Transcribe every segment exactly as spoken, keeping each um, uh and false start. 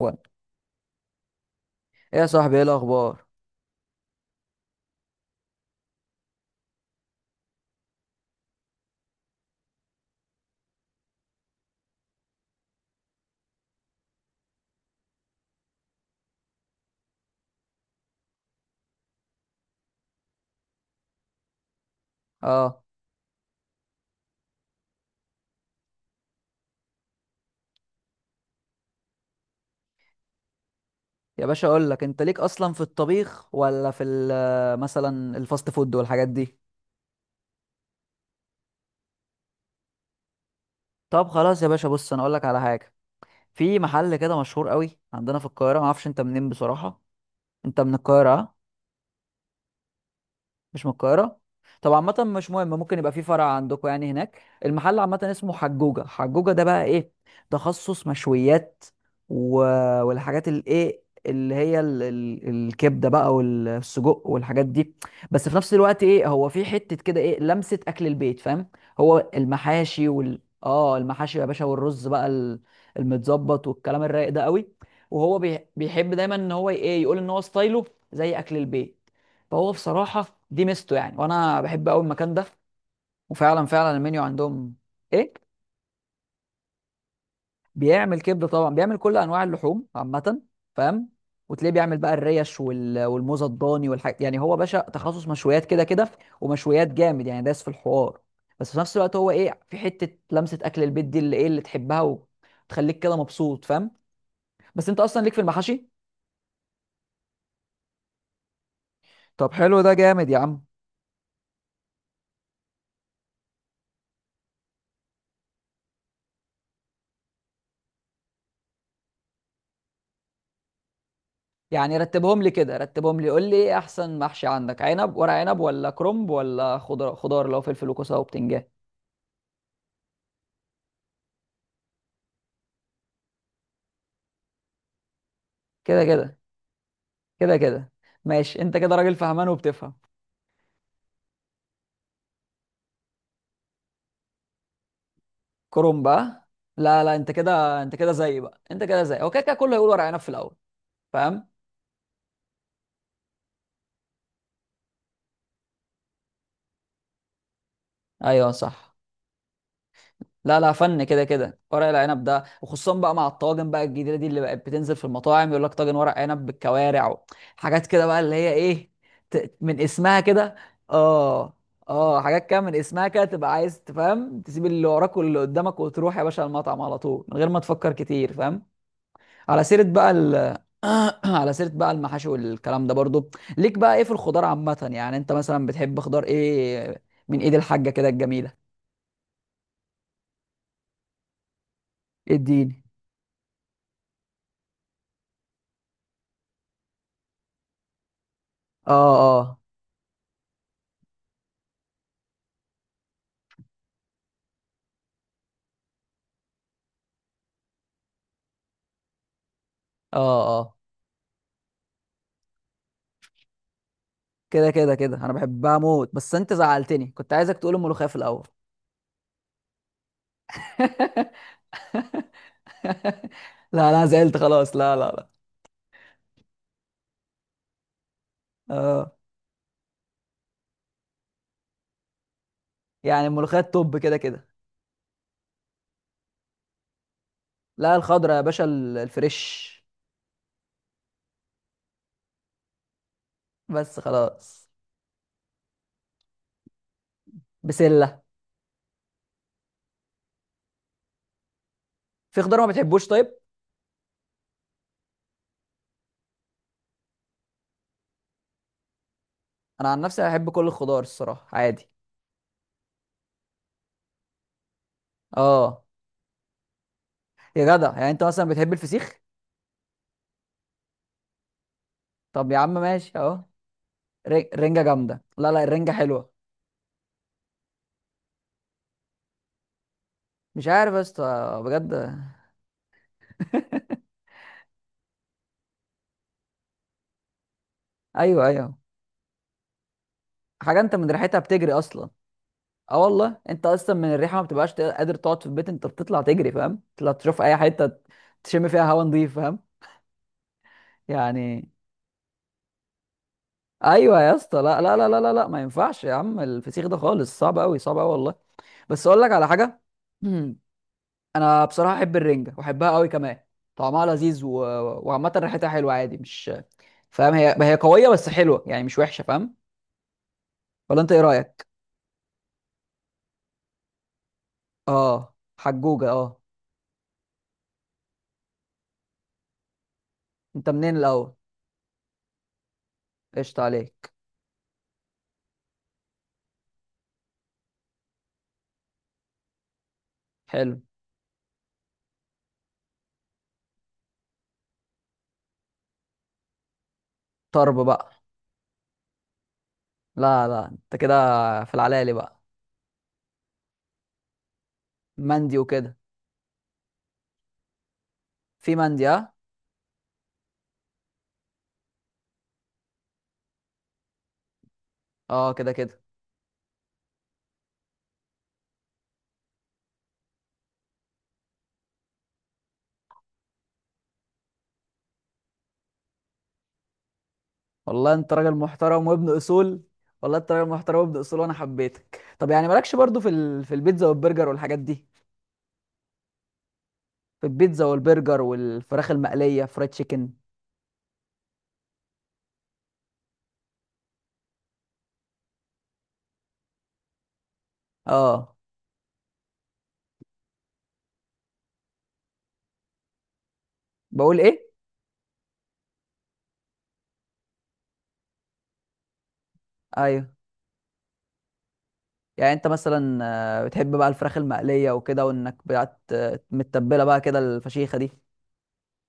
وين؟ ايه يا صاحبي، ايه الاخبار؟ اه، يا باشا اقول لك، انت ليك اصلا في الطبيخ ولا في ال- مثلا الفاست فود والحاجات دي؟ طب خلاص يا باشا، بص انا اقول لك على حاجه. في محل كده مشهور قوي عندنا في القاهره، ما اعرفش انت منين بصراحه. انت من القاهره آه؟ مش من القاهرة. طب عامة مش مهم، ممكن يبقى في فرع عندكم يعني هناك. المحل عامة اسمه حجوجة. حجوجة ده بقى ايه؟ تخصص مشويات و... والحاجات الايه اللي هي ال... ال... الكبدة بقى والسجق والحاجات دي، بس في نفس الوقت ايه، هو في حتة كده ايه، لمسة أكل البيت، فاهم؟ هو المحاشي وال اه المحاشي يا باشا، والرز بقى ال- المتظبط والكلام الرايق ده قوي. وهو بي... بيحب دايما ان هو ايه، يقول ان هو ستايله زي أكل البيت. فهو بصراحة دي ميزته يعني، وانا بحب قوي المكان ده. وفعلا فعلا المنيو عندهم. ايه؟ بيعمل كبدة طبعا، بيعمل كل انواع اللحوم عامة، فاهم؟ وتلاقيه بيعمل بقى الريش وال... والموز الضاني والحاجات. يعني هو باشا تخصص مشويات كده كده، ومشويات جامد يعني، داس في الحوار. بس في نفس الوقت هو ايه، في حتة لمسة اكل البيت دي اللي ايه، اللي تحبها وتخليك كده مبسوط، فاهم؟ بس انت اصلا ليك في المحاشي. طب حلو ده جامد يا عم. يعني رتبهم لي كده، رتبهم لي قول لي ايه احسن محشي عندك؟ عنب ورق عنب ولا كرنب ولا خضار، خضار اللي هو فلفل وكوسه وبتنجان؟ كده كده. كده كده. ماشي، انت كده راجل فهمان وبتفهم. كرنب بقى. لا لا انت كده، انت كده زي بقى، انت كده زي هو كده كده كله هيقول ورق عنب في الاول، فاهم؟ ايوه صح. لا لا فن كده كده ورق العنب ده، وخصوصا بقى مع الطواجن بقى الجديده دي اللي بقت بتنزل في المطاعم، يقول لك طاجن ورق عنب بالكوارع و- حاجات كده بقى اللي هي ايه، ت- من اسمها كده. اه اه حاجات كده من اسمها كده تبقى عايز تفهم، تسيب اللي وراك واللي قدامك وتروح يا باشا المطعم على طول من غير ما تفكر كتير، فاهم؟ على سيره بقى ال... على سيره بقى المحاشي والكلام ده برضو، ليك بقى ايه في الخضار عامه؟ يعني انت مثلا بتحب خضار ايه من ايد الحاجه كده الجميله؟ اديني. اه اه اه اه كده كده كده، انا بحبها موت، بس انت زعلتني، كنت عايزك تقول الملوخيه في الاول. لا لا زعلت خلاص، لا لا لا. اه. يعني الملوخيه التوب كده كده. لا الخضره يا باشا، ال- الفريش. بس خلاص. بسله. في خضار ما بتحبوش طيب؟ انا عن نفسي بحب كل الخضار الصراحه عادي. اه. يا جدع، يعني انت مثلا بتحب الفسيخ؟ طب يا عم ماشي اهو. ري- رنجه جامده، لا لا الرنجه حلوه. مش عارف يا اسطى بجد. ايوه ايوه. حاجه انت من ريحتها بتجري اصلا. اه والله، انت اصلا من الريحه ما بتبقاش تق- قادر تقعد في البيت، انت بتطلع تجري، فاهم؟ تطلع تشوف اي حته تشم فيها هوا نضيف، فاهم؟ يعني ايوه يا اسطى، لا لا لا لا لا لا ما ينفعش يا عم، الفسيخ ده خالص صعب قوي، صعب قوي والله. بس اقول لك على حاجه. انا بصراحه احب الرنجه واحبها قوي كمان، طعمها لذيذ و... وعامه ريحتها حلوه عادي، مش فاهم؟ هي هي قويه بس حلوه يعني، مش وحشه، فاهم؟ ولا انت ايه رايك؟ اه حجوجه، اه. انت منين الاول؟ قشطه عليك. حلو. طرب بقى. لا لا انت كده، في العلالي بقى. مندي وكده. في مندي، اه. اه كده كده. والله انت راجل محترم وابن اصول. والله انت راجل محترم وابن اصول، وانا حبيتك. طب يعني مالكش برضو في ال... في البيتزا والبرجر والحاجات دي؟ في البيتزا والبرجر والفراخ المقليه، فرايد تشيكن. اه. بقول ايه؟ ايوه. يعني انت مثلا آه، بتحب بقى الفراخ المقليه وكده، وانك بقى ت- متبله بقى كده الفشيخه دي؟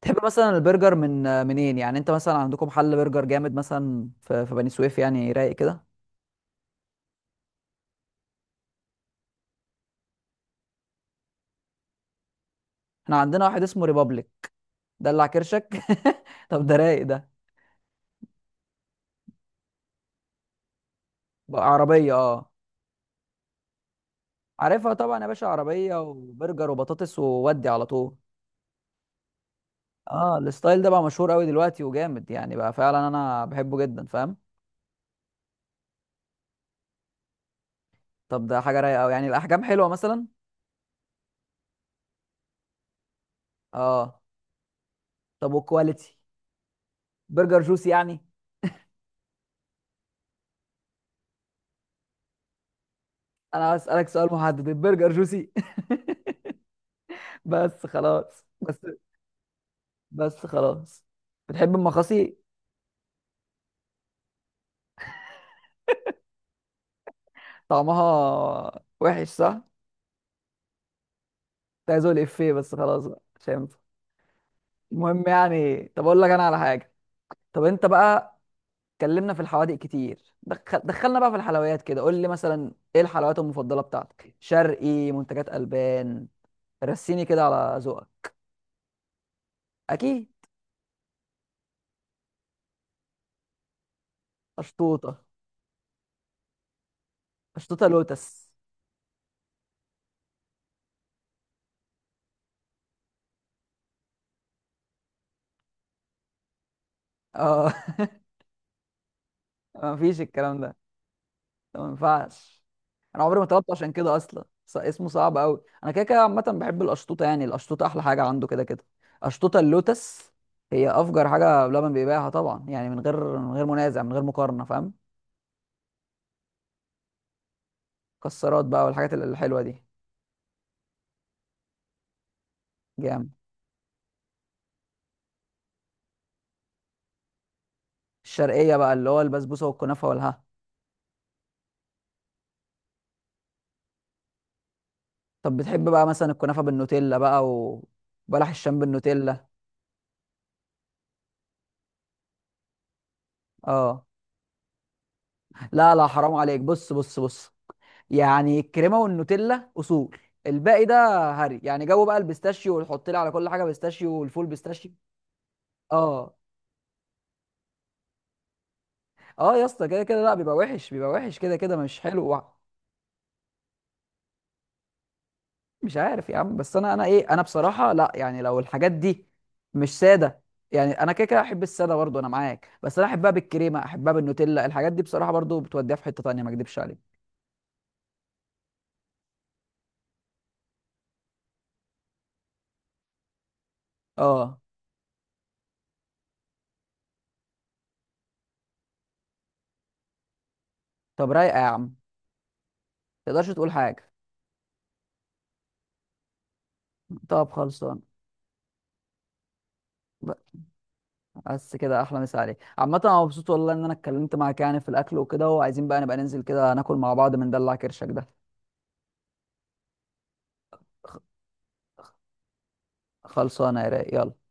تحب مثلا البرجر من آه، منين؟ يعني انت مثلا عندكم حل برجر جامد مثلا في في بني سويف يعني رايق كده؟ احنا عندنا واحد اسمه ريبابليك. دلع كرشك. طب ده رايق ده. بقى عربيه اه. عارفها طبعا يا باشا، عربيه وبرجر وبطاطس وودي على طول. اه الستايل ده بقى مشهور قوي دلوقتي وجامد يعني، بقى فعلا انا بحبه جدا، فاهم؟ طب ده حاجه رايقه قوي. يعني الاحجام حلوه مثلا؟ اه. طب والكواليتي؟ برجر جوسي يعني؟ انا هسالك سؤال محدد، البرجر جوسي؟ بس خلاص بس. بس خلاص. بتحب المخاصي؟ طعمها وحش صح؟ كنت عايز اقول افيه بس خلاص بقى مش هينفع. المهم يعني، طب اقول لك انا على حاجه. طب انت بقى، اتكلمنا في الحوادق كتير، دخل... دخلنا بقى في الحلويات كده. قول لي مثلا ايه الحلويات المفضله بتاعتك؟ شرقي، منتجات البان، رسيني كده على ذوقك. اكيد. اشطوطه. اشطوطه لوتس. اه. مفيش الكلام ده، ما ينفعش، انا عمري ما طلبت، عشان كده اصلا ص- اسمه صعب قوي. انا كده كده عامه بحب القشطوطه، يعني القشطوطه احلى حاجه عنده كده كده. قشطوطه اللوتس هي افجر حاجه بلبن بيبيعها طبعا يعني، من غير من غير منازع، من غير مقارنه، فاهم؟ مكسرات بقى والحاجات ال- الحلوه دي. جامد. الشرقيه بقى اللي هو البسبوسه والكنافه والها. طب بتحب بقى مثلا الكنافه بالنوتيلا بقى، وبلح الشام بالنوتيلا؟ اه. لا لا حرام عليك، بص بص بص. يعني الكريمه والنوتيلا اصول، الباقي ده هري يعني، جو بقى البيستاشيو، وتحط لي على كل حاجه بيستاشيو، والفول بيستاشيو. اه. اه يا اسطى كده كده، لا بيبقى وحش، بيبقى وحش كده كده، مش حلو وع- مش عارف يا عم. بس انا، انا ايه انا بصراحه لا، يعني لو الحاجات دي مش ساده، يعني انا كده كده احب الساده برضو، انا معاك، بس انا احبها بالكريمه، احبها بالنوتيلا، الحاجات دي بصراحه برضو بتوديها في حته تانيه، ما اكدبش عليك. اه. طب رايقه يا عم ما تقدرش تقول حاجه. طب خلصان. بس كده احلى. مسا عليك عامه، انا مبسوط والله ان انا اتكلمت معاك يعني في الاكل وكده، وعايزين بقى نبقى ننزل كده ناكل مع بعض من دلع كرشك ده. خلصانه يا رايق، يلا.